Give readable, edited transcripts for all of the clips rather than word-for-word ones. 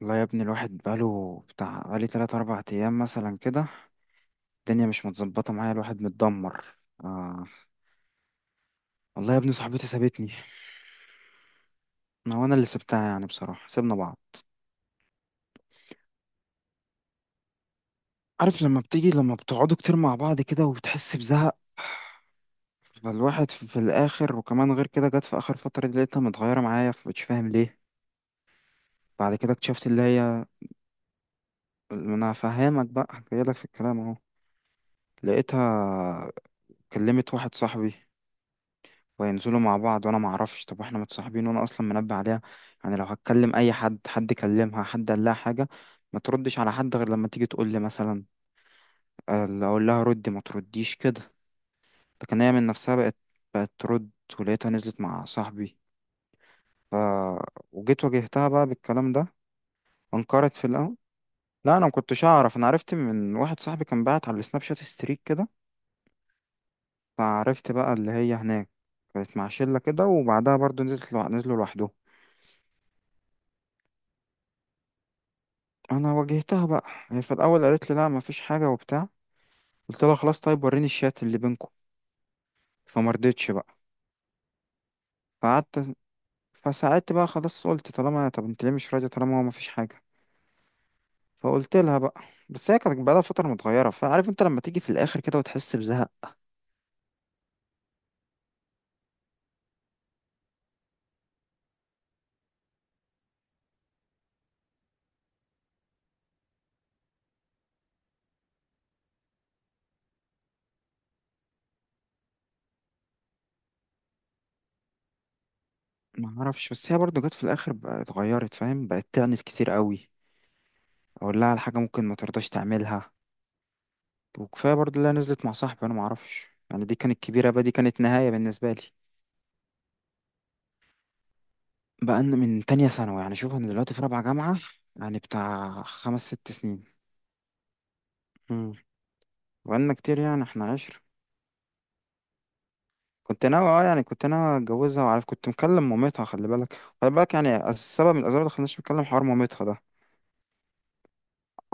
والله يا ابني الواحد بقاله بتاع بقالي 3 4 أيام مثلا كده. الدنيا مش متظبطة معايا، الواحد متدمر. آه. والله يا ابني صاحبتي سابتني. ما هو أنا اللي سبتها، يعني بصراحة سيبنا بعض. عارف لما بتيجي، لما بتقعدوا كتير مع بعض كده وبتحس بزهق، فالواحد في الآخر. وكمان غير كده جت في آخر فترة دي لقيتها متغيرة معايا، فمش فاهم ليه. بعد كده اكتشفت اللي هي، ما أنا فهمك بقى جايلك في الكلام أهو. لقيتها كلمت واحد صاحبي وينزلوا مع بعض وانا ما اعرفش. طب واحنا متصاحبين وانا اصلا منبه عليها يعني لو هتكلم اي حد، حد كلمها، حد قال لها حاجه، ما تردش على حد غير لما تيجي تقول لي مثلا. اللي اقول لها ردي ما ترديش كده، لكن هي من نفسها بقت، بقت ترد. ولقيتها نزلت مع صاحبي. ف... وجيت واجهتها بقى بالكلام ده. انكرت في الاول. لا، انا ما كنتش اعرف. انا عرفت من واحد صاحبي كان بعت على السناب شات ستريك كده. فعرفت بقى اللي هي هناك كانت مع شله كده، وبعدها برضو نزلت نزلوا لوحدهم. انا واجهتها بقى. هي في الاول قالت لي لا مفيش حاجه وبتاع. قلت لها خلاص، طيب، وريني الشات اللي بينكم. فما رضتش بقى. فقعدت، فساعدت بقى، خلاص قلت، طالما، طب انت ليه مش راضيه طالما هو مفيش حاجه؟ فقلت لها بقى. بس هي كانت بقالها فتره متغيره، فعارف انت لما تيجي في الاخر كده وتحس بزهق. ما اعرفش، بس هي برضو جت في الاخر بقى اتغيرت، فاهم، بقت تعنت كتير قوي. اقول لها على حاجه ممكن ما ترضاش تعملها. وكفايه برضو اللي هي نزلت مع صاحبي انا ما اعرفش. يعني دي كانت كبيره بقى، دي كانت نهايه بالنسبه لي. بقى إن من تانية ثانوي. يعني شوف، انا دلوقتي في رابعة جامعة، يعني بتاع 5 6 سنين. امم بقالنا كتير يعني، احنا عشر. كنت ناوي، اه يعني كنت ناوي اتجوزها، وعارف كنت مكلم مامتها. خلي بالك، خلي بالك، يعني السبب من الاسباب اللي خلانيش مكلم حوار مامتها ده.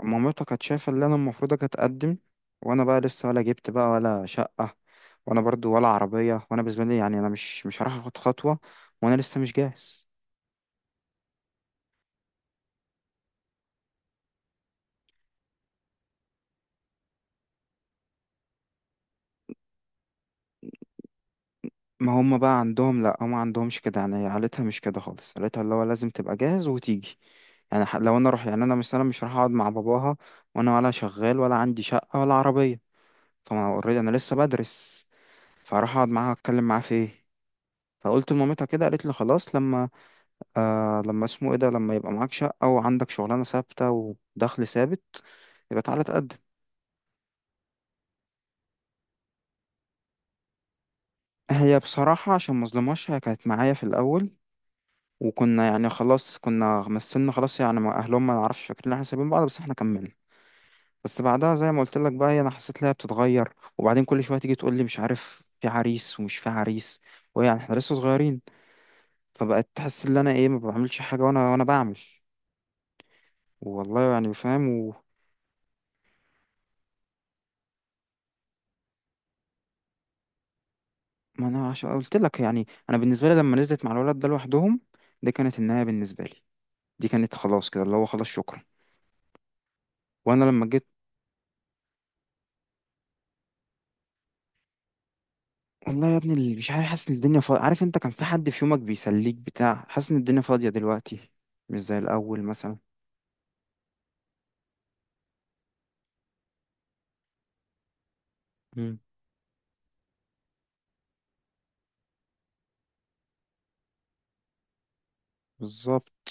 مامتها كانت شايفة اللي انا المفروض اتقدم، وانا بقى لسه ولا جبت بقى ولا شقة، وانا برضو ولا عربية. وانا بالنسبة لي يعني انا مش هروح اخد خطوة وانا لسه مش جاهز. ما هم بقى عندهم، لا هم ما عندهمش كده يعني. عيلتها مش كده خالص، عيلتها اللي هو لازم تبقى جاهز وتيجي. يعني لو انا اروح، يعني انا مثلا مش هروح اقعد مع باباها وانا ولا شغال ولا عندي شقة ولا عربية. فانا اوريدي انا لسه بدرس، فاروح اقعد معاها اتكلم معاها في ايه؟ فقلت لمامتها كده، قالت لي خلاص لما، آه لما اسمه ايه ده، لما يبقى معاك شقة وعندك شغلانة ثابتة ودخل ثابت يبقى تعالى تقدم. هي بصراحة عشان مظلمهاش هي كانت معايا في الأول. وكنا يعني خلاص كنا مثلنا، خلاص يعني مع اهلهم، ما نعرفش فاكرين ان احنا سايبين بعض، بس احنا كملنا. بس بعدها زي ما قلت لك بقى، هي انا حسيت ان هي بتتغير، وبعدين كل شويه تيجي تقول لي مش عارف في عريس ومش في عريس، ويعني احنا لسه صغيرين. فبقت تحس ان انا ايه ما بعملش حاجه، وانا بعمل والله يعني فاهم ما انا عشان قلت لك يعني. انا بالنسبه لي لما نزلت مع الولد ده لوحدهم، دي كانت النهايه بالنسبه لي، دي كانت خلاص كده اللي هو خلاص شكرا. وانا لما جيت، والله يا ابني اللي مش عارف، حاسس ان الدنيا فاضية. عارف انت كان في حد في يومك بيسليك بتاع حاسس ان الدنيا فاضية دلوقتي، مش زي الاول مثلا. مم. بالظبط.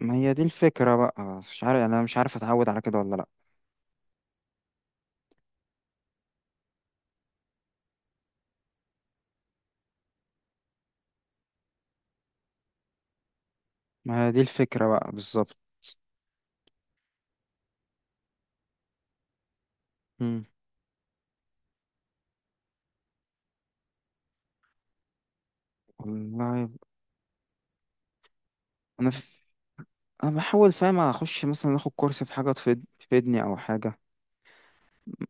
ما هي دي الفكرة بقى، مش عارف يعني انا مش عارف اتعود على كده ولا لا. ما هي دي الفكرة بقى بالظبط. مم. والله انا في... انا بحاول فاهم، اخش مثلا اخد كورس في حاجة تفيدني او حاجة.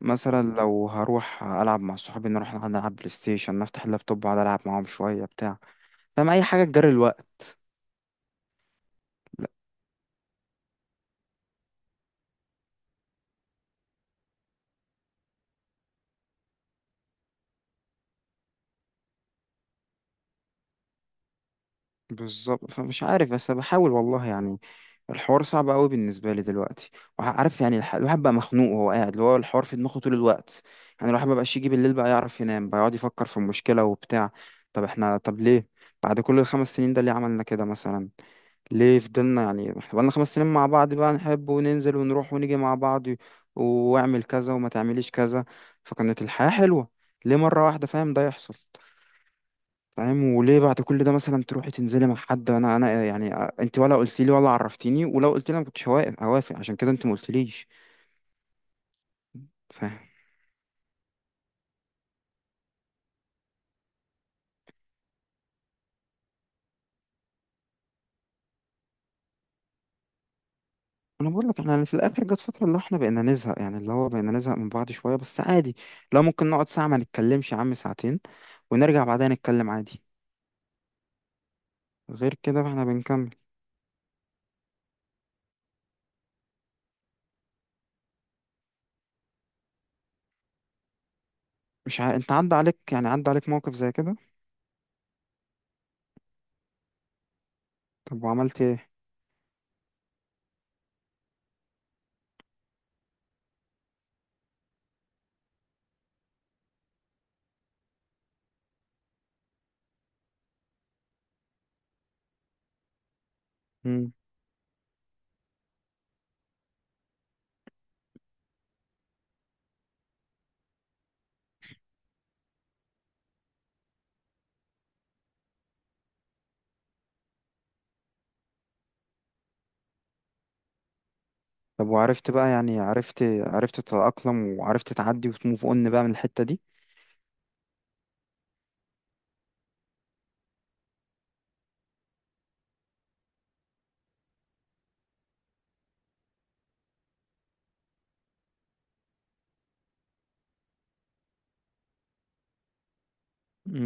مثلا لو هروح العب مع صحابي، نروح نلعب بلاي ستيشن، نفتح اللابتوب اقعد العب معاهم شوية بتاع فاهم، اي حاجة تجري الوقت. بالظبط، فمش عارف بس بحاول والله يعني. الحوار صعب قوي بالنسبه لي دلوقتي، وعارف يعني الواحد بقى مخنوق وهو قاعد، اللي هو الحوار في دماغه طول الوقت. يعني الواحد مبقاش يجي بالليل بقى يعرف ينام، بقى يقعد يفكر في المشكله وبتاع. طب احنا، طب ليه بعد كل ال 5 سنين ده ليه عملنا كده مثلا؟ ليه فضلنا، يعني احنا بقالنا 5 سنين مع بعض بقى نحب وننزل ونروح ونيجي مع بعض واعمل كذا وما تعمليش كذا، فكانت الحياه حلوه. ليه مره واحده فاهم ده يحصل؟ فاهم، وليه بعد كل ده مثلا تروحي تنزلي مع حد؟ انا يعني انت ولا قلت لي ولا عرفتيني، ولو قلت لي انا ما كنتش هوافق، عشان كده انت ما قلتليش. فاهم. انا بقول لك احنا يعني في الاخر جت فتره اللي هو احنا بقينا نزهق، يعني اللي هو بقينا نزهق من بعض شويه بس عادي، لو ممكن نقعد ساعه ما نتكلمش يا عم، 2 ساعة، ونرجع بعدها نتكلم عادي. غير كده احنا بنكمل. مش ع... انت عدى عليك، يعني عدى عليك موقف زي كده؟ طب وعملت ايه؟ مم. طب وعرفت بقى، يعني عرفت، عرفت تتأقلم وعرفت تعدي وتموف اون بقى من الحته دي؟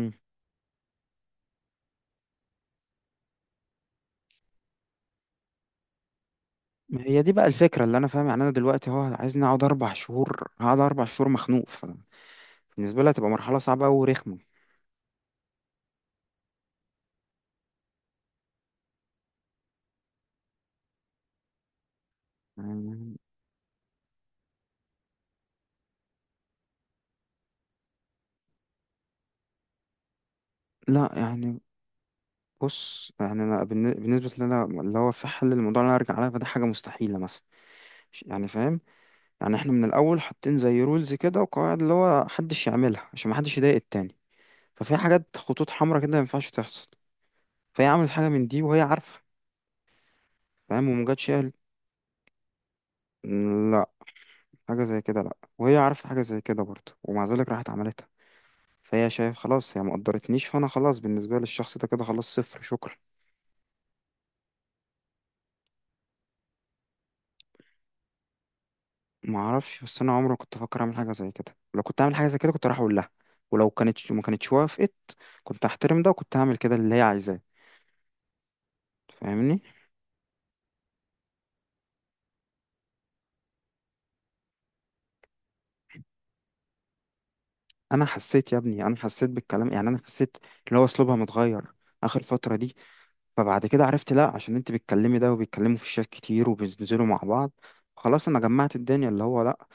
ما هي دي بقى الفكرة اللي أنا فاهم. يعني أنا دلوقتي هو عايزني أقعد 4 شهور، هقعد 4 شهور مخنوق. فبالنسبة لي هتبقى مرحلة صعبة أوي ورخمة. يعني- لا يعني بص، يعني أنا بالنسبة لي أنا اللي هو في حل الموضوع اللي أنا أرجع لها، فده حاجة مستحيلة مثلا. يعني فاهم. يعني إحنا من الأول حاطين زي رولز كده وقواعد اللي هو محدش يعملها عشان محدش يضايق التاني. ففي حاجات خطوط حمراء كده ما ينفعش تحصل، فهي عملت حاجة من دي وهي عارفة. فاهم ومجتش قالت. لا، حاجة زي كده لا، وهي عارفة حاجة زي كده برضه ومع ذلك راحت عملت. فهي شايف، خلاص هي ما قدرتنيش، فانا خلاص بالنسبه للشخص ده كده خلاص، صفر، شكرا. ما اعرفش، بس انا عمري ما كنت افكر اعمل حاجه زي كده. لو كنت اعمل حاجه زي كده كنت راح اقول لها، ولو كانت ما كانتش وافقت كنت هحترم ده وكنت هعمل كده اللي هي عايزاه. فاهمني، انا حسيت يا ابني، انا حسيت بالكلام يعني، انا حسيت اللي هو اسلوبها متغير اخر فتره دي. فبعد كده عرفت، لا، عشان انت بتكلمي ده وبيتكلموا في الشات كتير وبينزلوا مع بعض. خلاص انا جمعت الدنيا اللي هو لا،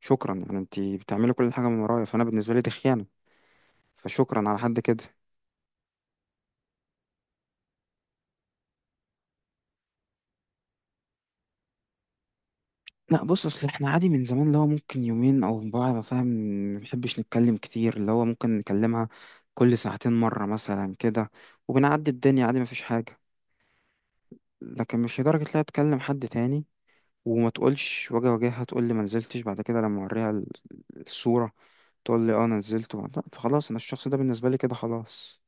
شكرا، يعني انت بتعملي كل حاجه من ورايا، فانا بالنسبه لي دي خيانه. فشكرا، على حد كده. لا بص اصل احنا عادي من زمان اللي هو ممكن 2 يوم او بعد ما، فاهم، ما بنحبش نتكلم كتير، اللي هو ممكن نكلمها كل 2 ساعة مرة مثلا كده، وبنعدي الدنيا عادي مفيش حاجة. لكن مش لدرجة لا تكلم حد تاني وما تقولش، واجي اواجهها تقول لي ما نزلتش، بعد كده لما اوريها الصورة تقول لي اه أنا نزلت لا، فخلاص انا الشخص ده بالنسبة لي كده خلاص.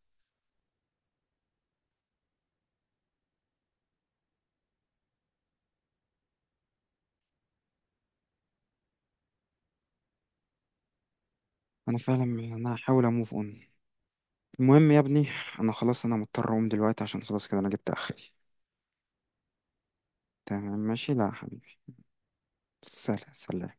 انا فعلا انا هحاول اموف اون. المهم يا ابني، انا خلاص انا مضطر اقوم دلوقتي عشان خلاص كده انا جبت اخري. تمام، ماشي، لا يا حبيبي، سلام سلام.